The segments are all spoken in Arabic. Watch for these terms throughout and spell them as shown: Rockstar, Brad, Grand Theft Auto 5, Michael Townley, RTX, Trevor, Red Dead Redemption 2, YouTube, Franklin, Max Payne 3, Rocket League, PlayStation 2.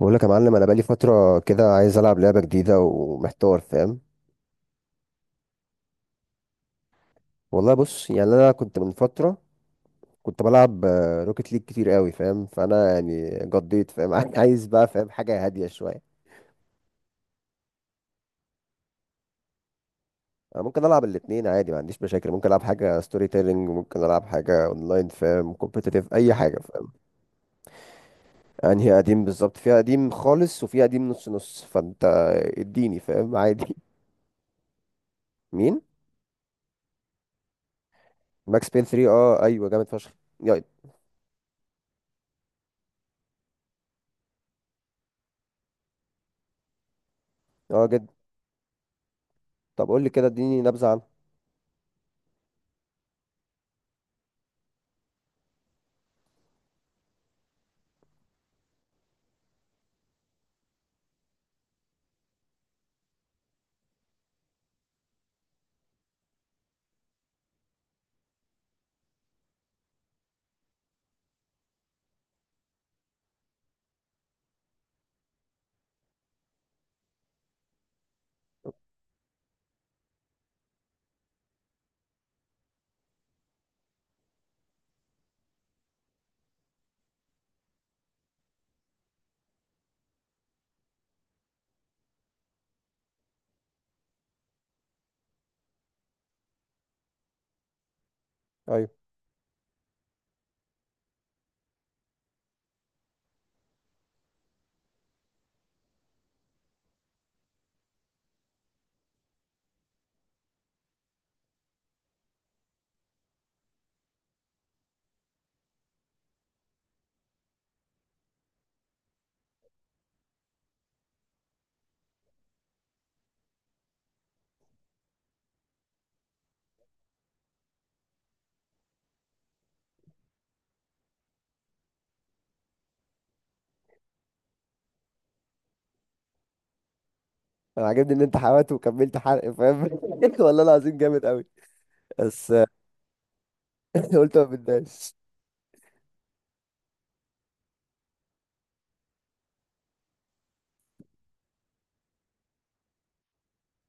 بقول لك يا معلم، انا بقالي فتره كده عايز العب لعبه جديده ومحتار فاهم. والله بص، يعني انا كنت من فتره بلعب روكيت ليج كتير قوي فاهم. فانا يعني قضيت فاهم. عايز بقى فاهم حاجه هاديه شويه. انا ممكن العب الاتنين عادي، ما عنديش مشاكل. ممكن العب حاجه ستوري تيلينج، ممكن العب حاجه اونلاين فاهم كومبيتيتيف، اي حاجه فاهم. انهي قديم بالظبط؟ فيها قديم خالص وفيها قديم نص نص، فانت اديني فاهم عادي. مين؟ ماكس بين 3؟ اه ايوه جامد فشخ. يا- اه جد. طب قول لي كده، اديني نبذه عنه. ايوه، انا عاجبني ان انت حاولت وكملت حرق فاهم. والله العظيم جامد قوي. بس قلت ما بداش.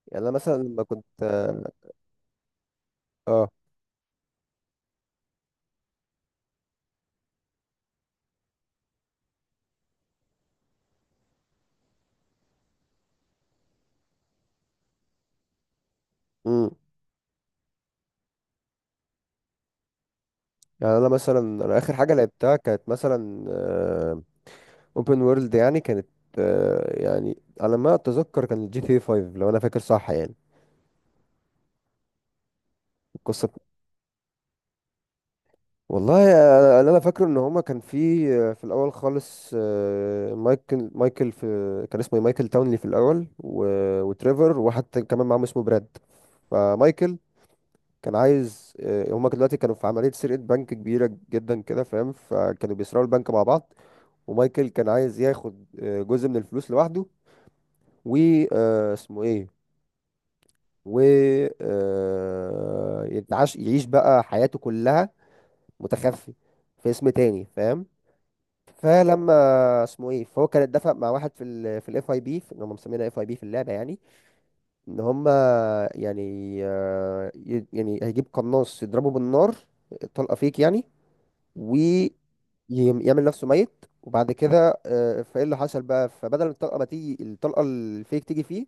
يعني انا مثلا لما كنت آه، امم يعني انا مثلا، انا اخر حاجه لعبتها كانت مثلا اوبن وورلد، يعني كانت يعني على ما اتذكر كان جي تي 5 لو انا فاكر صح يعني القصه. والله انا اللي انا فاكره ان هما كان في في الاول خالص مايكل في، كان اسمه إيه؟ مايكل تاونلي في الاول و... وتريفر، وحتى كمان معاهم اسمه براد. فمايكل كان عايز هما دلوقتي كانوا في عملية سرقة بنك كبيرة جدا كده فاهم، فكانوا بيسرقوا البنك مع بعض. ومايكل كان عايز ياخد جزء من الفلوس لوحده و اسمه ايه، و يتعاش يعيش بقى حياته كلها متخفي في اسم تاني فاهم. فلما اسمه ايه، فهو كان اتفق مع واحد في في الاف اي بي، ان هم مسمينها اف اي بي في اللعبه يعني، ان هم يعني يعني هيجيب قناص يضربه بالنار، طلقه فيك يعني، ويعمل نفسه ميت. وبعد كده فايه اللي حصل بقى، فبدل الطلقه ما تيجي الطلقه الفيك تيجي فيه.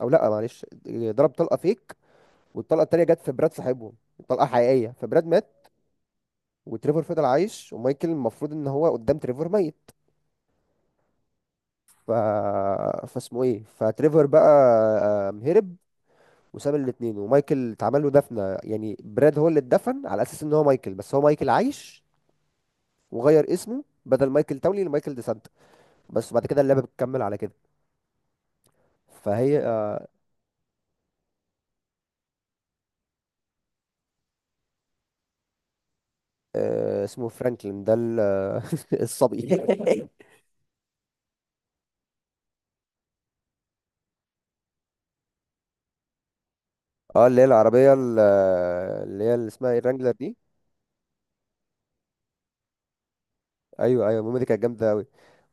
او لا معلش، ضرب طلقه فيك، والطلقه التانيه جت في براد صاحبهم، الطلقه حقيقيه، فبراد مات. وتريفر فضل عايش ومايكل المفروض ان هو قدام تريفر ميت. ف فاسمه ايه، فتريفر بقى هرب وساب الاتنين. ومايكل اتعمل له دفنه، يعني براد هو اللي اتدفن على اساس ان هو مايكل، بس هو مايكل عايش. وغير اسمه بدل مايكل تاولي لمايكل ديسانتا. بس بعد كده اللعبه بتكمل على كده. فهي اسمه فرانكلين ده الصبي. اه، اللي هي العربية اللي هي اللي اسمها إيه، الرانجلر دي. ايوه المهم دي كانت جامدة قوي.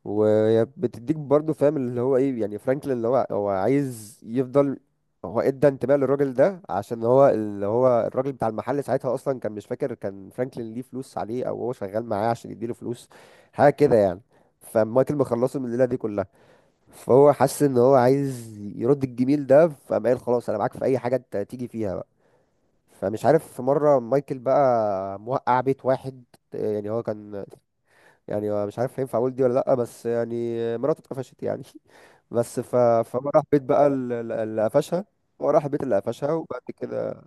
وهي بتديك برضو فاهم اللي هو ايه، يعني فرانكلين اللي هو هو عايز يفضل. هو ادى انتباه للراجل ده عشان هو اللي هو الراجل بتاع المحل ساعتها، اصلا كان مش فاكر كان فرانكلين ليه فلوس عليه او هو شغال معاه عشان يديله فلوس، حاجة كده يعني. فمايكل مخلصه من الليلة دي كلها. فهو حس ان هو عايز يرد الجميل ده، فقام قال خلاص انا معاك في اي حاجه انت تيجي فيها بقى. فمش عارف، في مره مايكل بقى موقع بيت واحد، يعني هو كان، يعني هو مش عارف ينفع اقول دي ولا لا، بس يعني مراته اتقفشت يعني. بس فهو راح بيت بقى اللي قفشها. هو راح بيت اللي قفشها، وبعد كده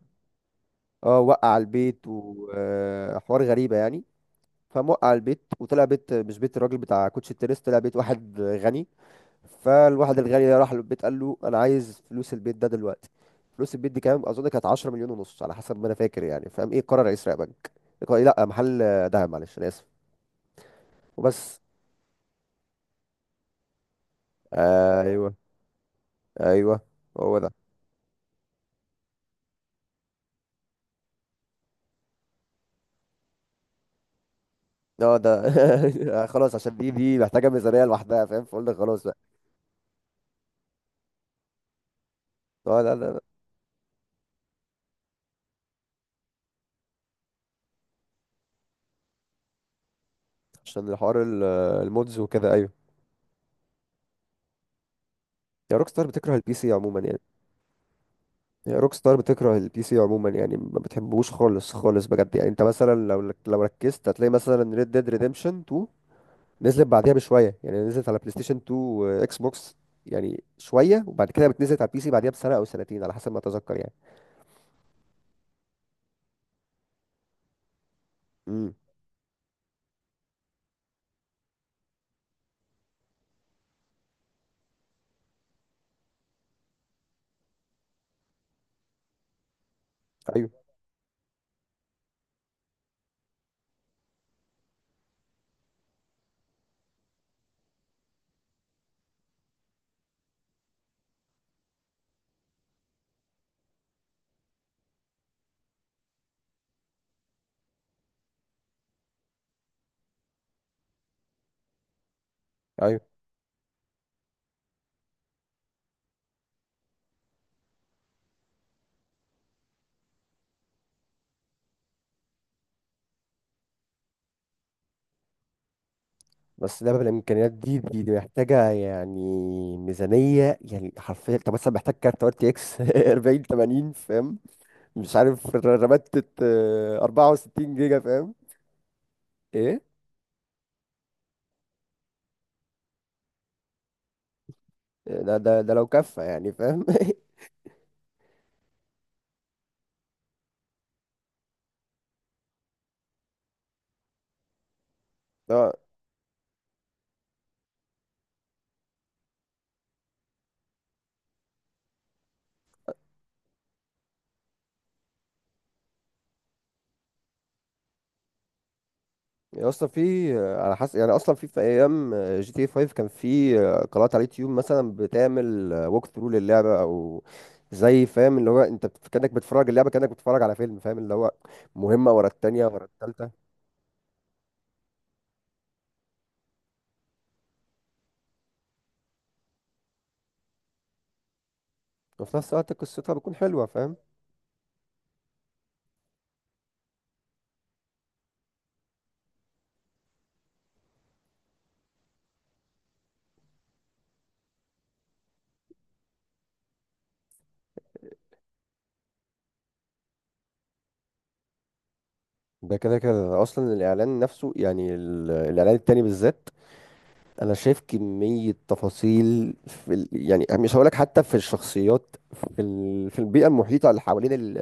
اه وقع البيت وحوار غريبة يعني. فموقع البيت وطلع بيت مش بيت الراجل بتاع كوتش التنس، طلع بيت واحد غني. فالواحد الغني ده راح للبيت قال له انا عايز فلوس البيت ده دلوقتي. فلوس البيت دي كام؟ اظن كانت 10 مليون ونص على حسب ما انا فاكر يعني فاهم. ايه، قرر يسرق بنك. لا محل دهب، معلش انا اسف. وبس. ايوه ايوه هو ده. اه ده خلاص، عشان دي محتاجه ميزانيه لوحدها فاهم، فقلنا خلاص بقى. اه لا. عشان الحوار المودز وكده ايوه. يا روك ستار بتكره البي سي عموما يعني. هي روك ستار بتكره البي سي عموما يعني، ما بتحبوش خالص خالص بجد يعني. انت مثلا لو ركزت هتلاقي مثلا ريد ديد ريديمشن 2 نزلت بعديها بشويه، يعني نزلت على بلاي ستيشن 2 واكس بوكس يعني شويه، وبعد كده بتنزلت على البي سي بعديها بسنه او سنتين على حسب ما اتذكر يعني. امم ايوه ايوه بس لعبه بالامكانيات دي دي محتاجه يعني ميزانيه، يعني حرفيا انت مثلا محتاج كارت ار تي اكس 40 80 فاهم. مش عارف الرامات 64 جيجا فاهم. إيه؟ ده لو كفى يعني فاهم. اه، يعني اصلا في على حسب يعني، اصلا في ايام جي تي 5 كان في قنوات على اليوتيوب مثلا بتعمل ووك ثرو للعبه، او زي فاهم اللي هو انت كانك بتتفرج اللعبه كانك بتتفرج على فيلم فاهم، اللي هو مهمه ورا التانيه ورا التالته. وفي نفس الوقت قصتها بتكون حلوه فاهم. ده كده كده اصلا الاعلان نفسه، يعني الاعلان التاني بالذات، انا شايف كمية تفاصيل في يعني مش هقولك حتى في الشخصيات، في في البيئة المحيطة اللي حوالين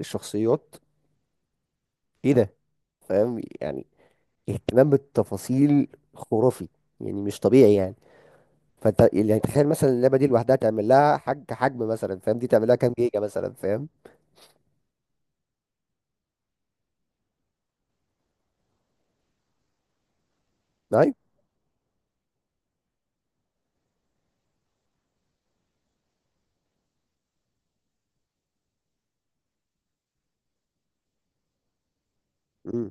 الشخصيات. ايه ده، فاهم يعني، اهتمام بالتفاصيل خرافي يعني، مش طبيعي يعني. فانت يعني تخيل مثلا اللعبة دي لوحدها تعمل لها حج حجم مثلا فاهم، دي تعمل لها كام جيجا مثلا فاهم. ايوه امم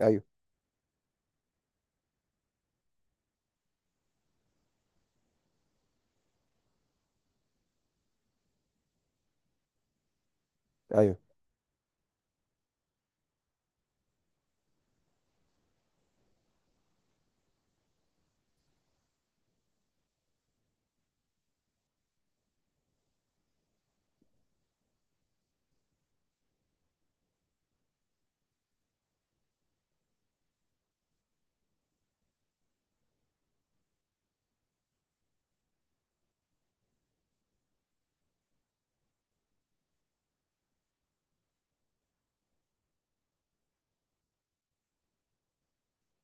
ايوه ايوه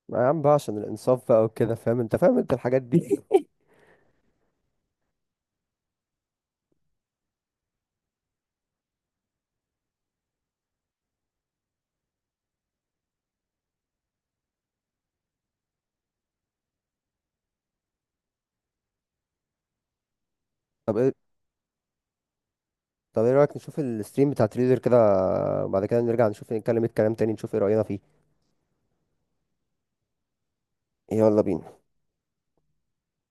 ما يا عم بقى، عشان الانصاف بقى وكده فاهم، انت فاهم انت الحاجات دي. طب، طب ايه رأيك نشوف الستريم بتاع تريزر كده؟ بعد كده نرجع نشوف، نتكلم الكلام تاني نشوف ايه رأينا فيه. يلا بينا.